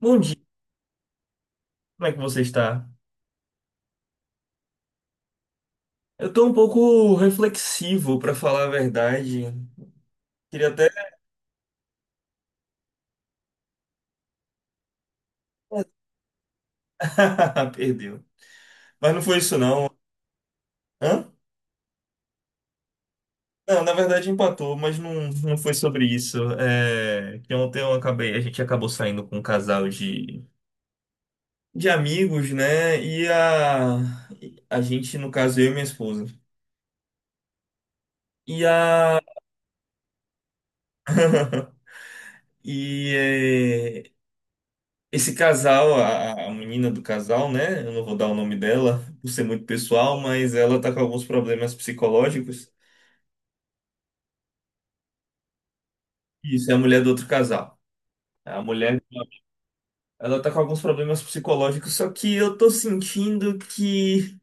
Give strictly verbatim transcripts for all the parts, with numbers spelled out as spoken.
Bom dia, como é que você está? Eu tô um pouco reflexivo, para falar a verdade. Queria até. Perdeu. Mas não foi isso, não. Hã? Não, na verdade empatou, mas não, não foi sobre isso. É, que ontem eu acabei, a gente acabou saindo com um casal de, de amigos, né? E a, a gente, no caso, eu e minha esposa. E a. E é, Esse casal, a, a menina do casal, né? Eu não vou dar o nome dela, por ser muito pessoal, mas ela tá com alguns problemas psicológicos. Isso é a mulher do outro casal. É A mulher, ela tá com alguns problemas psicológicos, só que eu tô sentindo que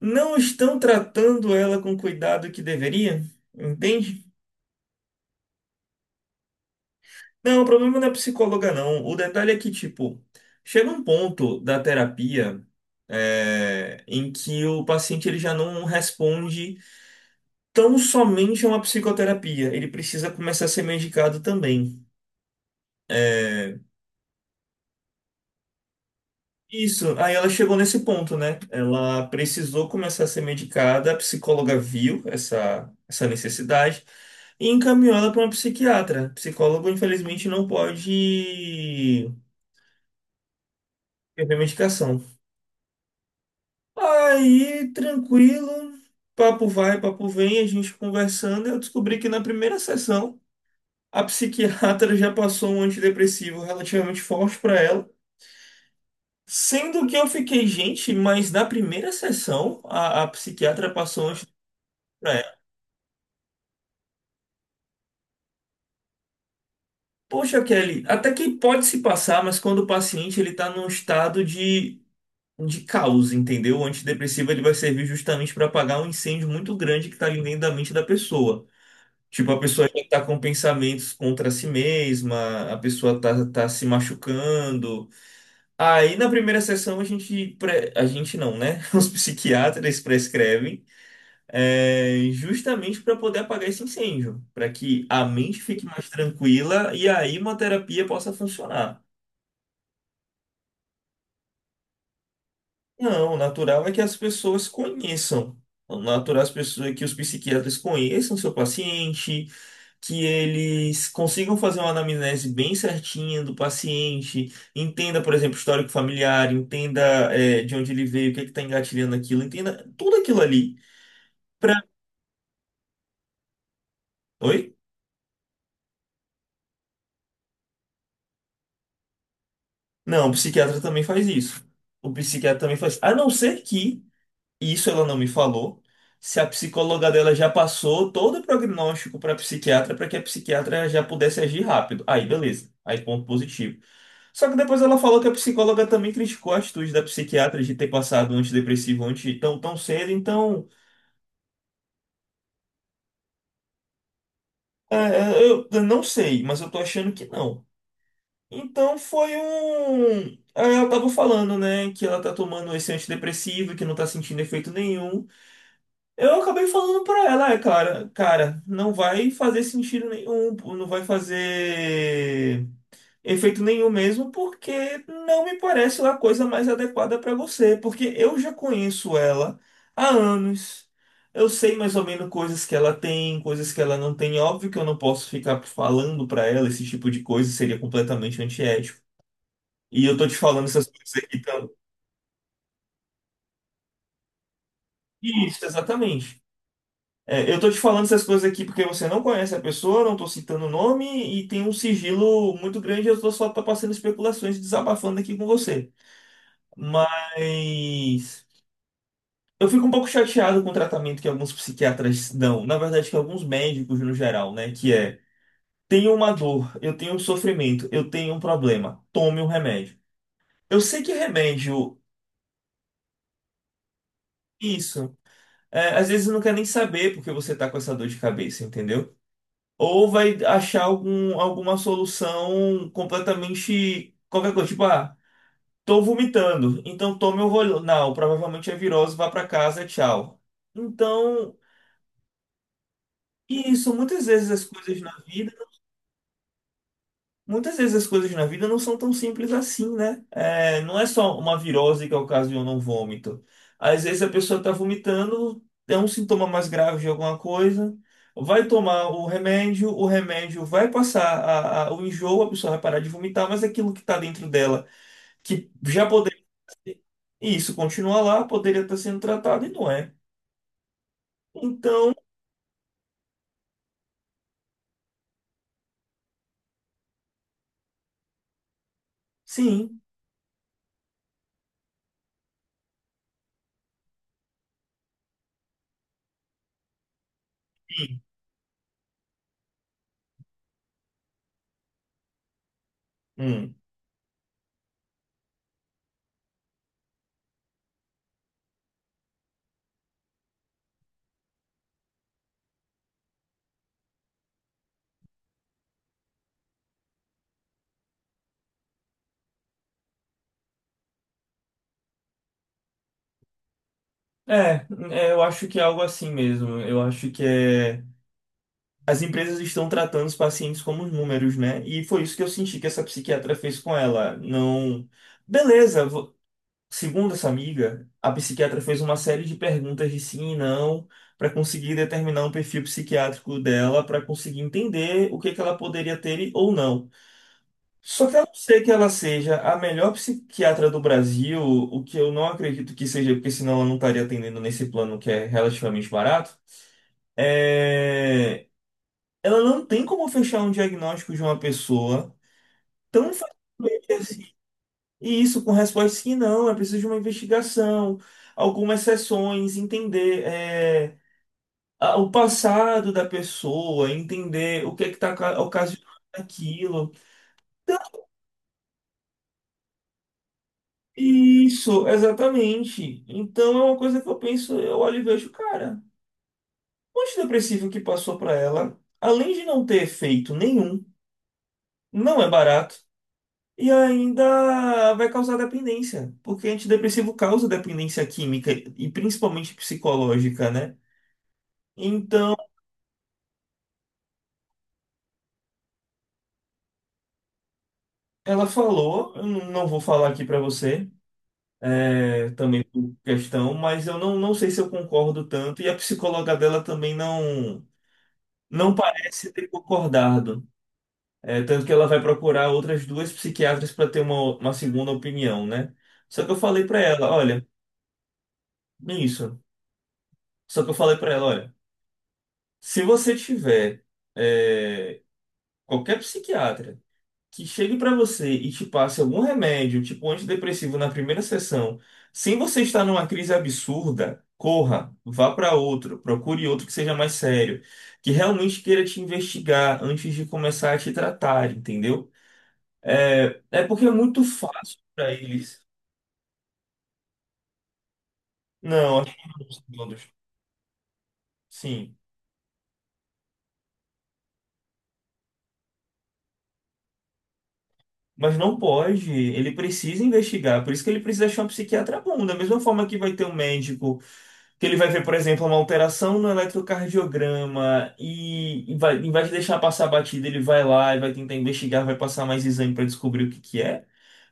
não estão tratando ela com o cuidado que deveria, entende? Não, o problema não é psicóloga, não. O detalhe é que, tipo, chega um ponto da terapia, é, em que o paciente ele já não responde tão somente uma psicoterapia. Ele precisa começar a ser medicado também. É, Isso, aí ela chegou nesse ponto, né? Ela precisou começar a ser medicada, a psicóloga viu essa, essa necessidade e encaminhou ela para uma psiquiatra. Psicólogo, infelizmente, não pode prescrever medicação. Aí, tranquilo, papo vai, papo vem, a gente conversando, eu descobri que na primeira sessão a psiquiatra já passou um antidepressivo relativamente forte para ela. Sendo que eu fiquei, gente, mas na primeira sessão a, a psiquiatra passou um estudo pra ela. Poxa, Kelly, até que pode se passar, mas quando o paciente ele tá num estado de, de caos, entendeu? O antidepressivo ele vai servir justamente para apagar um incêndio muito grande que tá ali dentro da mente da pessoa. Tipo, a pessoa já tá com pensamentos contra si mesma, a pessoa tá, tá se machucando. Aí na primeira sessão a gente, pre- a gente não, né? Os psiquiatras prescrevem. É, justamente para poder apagar esse incêndio, para que a mente fique mais tranquila e a imunoterapia possa funcionar. Não, o natural é que as pessoas conheçam. O natural é as pessoas, é que os psiquiatras conheçam seu paciente, que eles consigam fazer uma anamnese bem certinha do paciente, entenda, por exemplo, o histórico familiar, entenda, é, de onde ele veio, o que está engatilhando aquilo, entenda tudo aquilo ali. Pra... Oi? Não, o psiquiatra também faz isso. O psiquiatra também faz. A não ser que, e isso ela não me falou, se a psicóloga dela já passou todo o prognóstico para a psiquiatra para que a psiquiatra já pudesse agir rápido. Aí, beleza. Aí, ponto positivo. Só que depois ela falou que a psicóloga também criticou a atitude da psiquiatra de ter passado antidepressivo anti tão, tão cedo. Então, é, é, eu, eu não sei, mas eu tô achando que não. Então foi um. Aí Ela tava falando, né, que ela tá tomando esse antidepressivo, que não tá sentindo efeito nenhum. Eu acabei falando pra ela, é, cara, cara, não vai fazer sentido nenhum, não vai fazer efeito nenhum mesmo, porque não me parece a coisa mais adequada pra você, porque eu já conheço ela há anos. Eu sei mais ou menos coisas que ela tem, coisas que ela não tem. Óbvio que eu não posso ficar falando pra ela esse tipo de coisa, seria completamente antiético. E eu tô te falando essas coisas aqui, então. Isso, exatamente. É, eu tô te falando essas coisas aqui porque você não conhece a pessoa, não tô citando o nome e tem um sigilo muito grande. Eu tô só tô passando especulações, e desabafando aqui com você. Mas eu fico um pouco chateado com o tratamento que alguns psiquiatras dão, na verdade, que alguns médicos no geral, né? Que é: tenho uma dor, eu tenho um sofrimento, eu tenho um problema, tome um remédio. Eu sei que remédio, isso, é, às vezes não quer nem saber porque você tá com essa dor de cabeça, entendeu? Ou vai achar algum, alguma solução completamente qualquer coisa, tipo, ah, tô vomitando, então tome o Rolinal, provavelmente é virose, vá pra casa, tchau. Então, isso, muitas vezes as coisas na vida Muitas vezes as coisas na vida não são tão simples assim, né? É, não é só uma virose que ocasiona um vômito. Às vezes a pessoa está vomitando, é um sintoma mais grave de alguma coisa, vai tomar o remédio, o remédio vai passar a- a- o enjoo, a pessoa vai parar de vomitar, mas aquilo que está dentro dela, que já poderia. Isso continua lá, poderia estar sendo tratado e não é. Então, sim. Hum. É, é, eu acho que é algo assim mesmo. Eu acho que é. As empresas estão tratando os pacientes como números, né? E foi isso que eu senti que essa psiquiatra fez com ela. Não. Beleza, vo- segundo essa amiga, a psiquiatra fez uma série de perguntas de sim e não para conseguir determinar um perfil psiquiátrico dela, para conseguir entender o que que ela poderia ter e- ou não. Só que a não ser que ela seja a melhor psiquiatra do Brasil, o que eu não acredito que seja, porque senão ela não estaria atendendo nesse plano que é relativamente barato. É Ela não tem como fechar um diagnóstico de uma pessoa tão facilmente assim. E isso com respostas que não, é preciso de uma investigação, algumas sessões, entender é, a- o passado da pessoa, entender o que é que está ocasionando aquilo. Então, Isso, exatamente. Então é uma coisa que eu penso, eu olho e vejo, cara, o antidepressivo que passou para ela, além de não ter efeito nenhum, não é barato. E ainda vai causar dependência, porque antidepressivo causa dependência química e principalmente psicológica, né? Então, ela falou, eu não não vou falar aqui pra você, é, também por questão, mas eu não, não sei se eu concordo tanto, e a psicóloga dela também não, não parece ter concordado. É, tanto que ela vai procurar outras duas psiquiatras para ter uma, uma segunda opinião, né? Só que eu falei pra ela, olha, isso. Só que eu falei pra ela, olha. Se você tiver é, qualquer psiquiatra que chegue para você e te passe algum remédio, tipo antidepressivo na primeira sessão, sem você estar numa crise absurda, corra, vá para outro, procure outro que seja mais sério, que realmente queira te investigar antes de começar a te tratar, entendeu? É, é porque é muito fácil para eles. Não, acho que não todos. Sim. Mas não pode, ele precisa investigar, por isso que ele precisa achar um psiquiatra bom. Da mesma forma que vai ter um médico que ele vai ver, por exemplo, uma alteração no eletrocardiograma e, e vai, em vez de deixar passar a batida, ele vai lá e vai tentar investigar, vai passar mais exame para descobrir o que que é.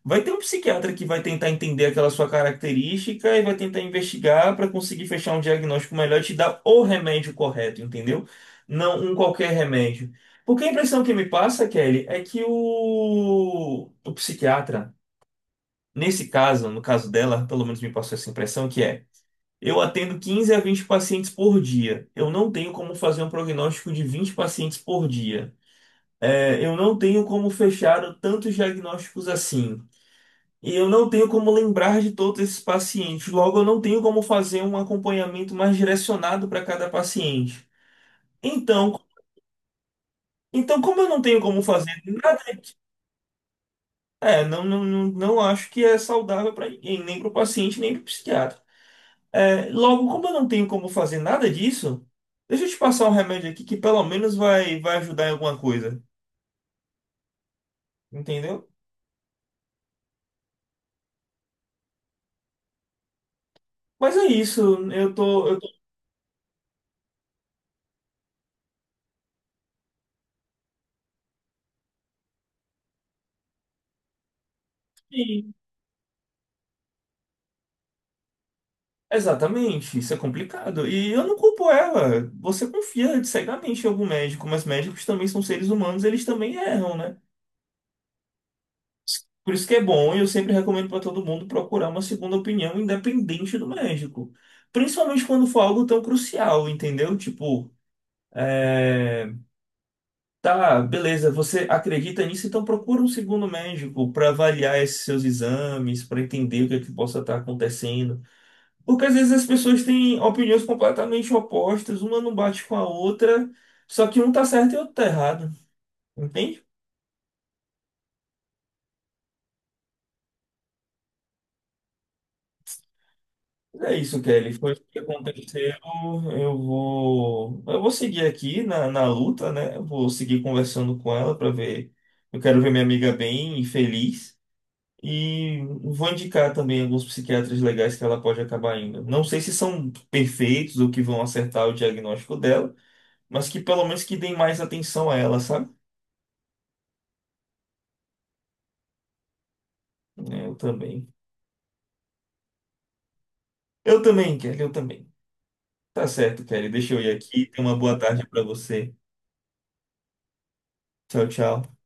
Vai ter um psiquiatra que vai tentar entender aquela sua característica e vai tentar investigar para conseguir fechar um diagnóstico melhor e te dar o remédio correto, entendeu? Não um qualquer remédio. Porque a impressão que me passa, Kelly, é que o, o psiquiatra, nesse caso, no caso dela, pelo menos me passou essa impressão, que é eu atendo quinze a vinte pacientes por dia. Eu não tenho como fazer um prognóstico de vinte pacientes por dia. É, eu não tenho como fechar tantos diagnósticos assim. E eu não tenho como lembrar de todos esses pacientes. Logo, eu não tenho como fazer um acompanhamento mais direcionado para cada paciente. Então, então, como eu não tenho como fazer nada, é, não, não, não, não acho que é saudável para ninguém, nem para o paciente, nem para o psiquiatra. É, logo, como eu não tenho como fazer nada disso, deixa eu te passar um remédio aqui que pelo menos vai, vai ajudar em alguma coisa, entendeu? Mas é isso, eu tô, eu tô aqui. Exatamente, isso é complicado. E eu não culpo ela. Você confia cegamente em algum médico, mas médicos também são seres humanos, eles também erram, né? Por isso que é bom, e eu sempre recomendo para todo mundo procurar uma segunda opinião independente do médico. Principalmente quando for algo tão crucial, entendeu? Tipo, é, Tá, beleza. Você acredita nisso? Então procura um segundo médico para avaliar esses seus exames, para entender o que é que possa estar acontecendo. Porque às vezes as pessoas têm opiniões completamente opostas, uma não bate com a outra, só que um tá certo e o outro tá errado. Entende? É isso, Kelly. Foi o que aconteceu. Eu vou, eu vou seguir aqui na, na luta, né? Eu vou seguir conversando com ela para ver. Eu quero ver minha amiga bem e feliz. E vou indicar também alguns psiquiatras legais que ela pode acabar indo. Não sei se são perfeitos ou que vão acertar o diagnóstico dela, mas que pelo menos que deem mais atenção a ela, sabe? É, Eu também. Eu também, Kelly, eu também. Tá certo, Kelly. Deixa eu ir aqui. Tenha uma boa tarde pra você. Tchau, tchau.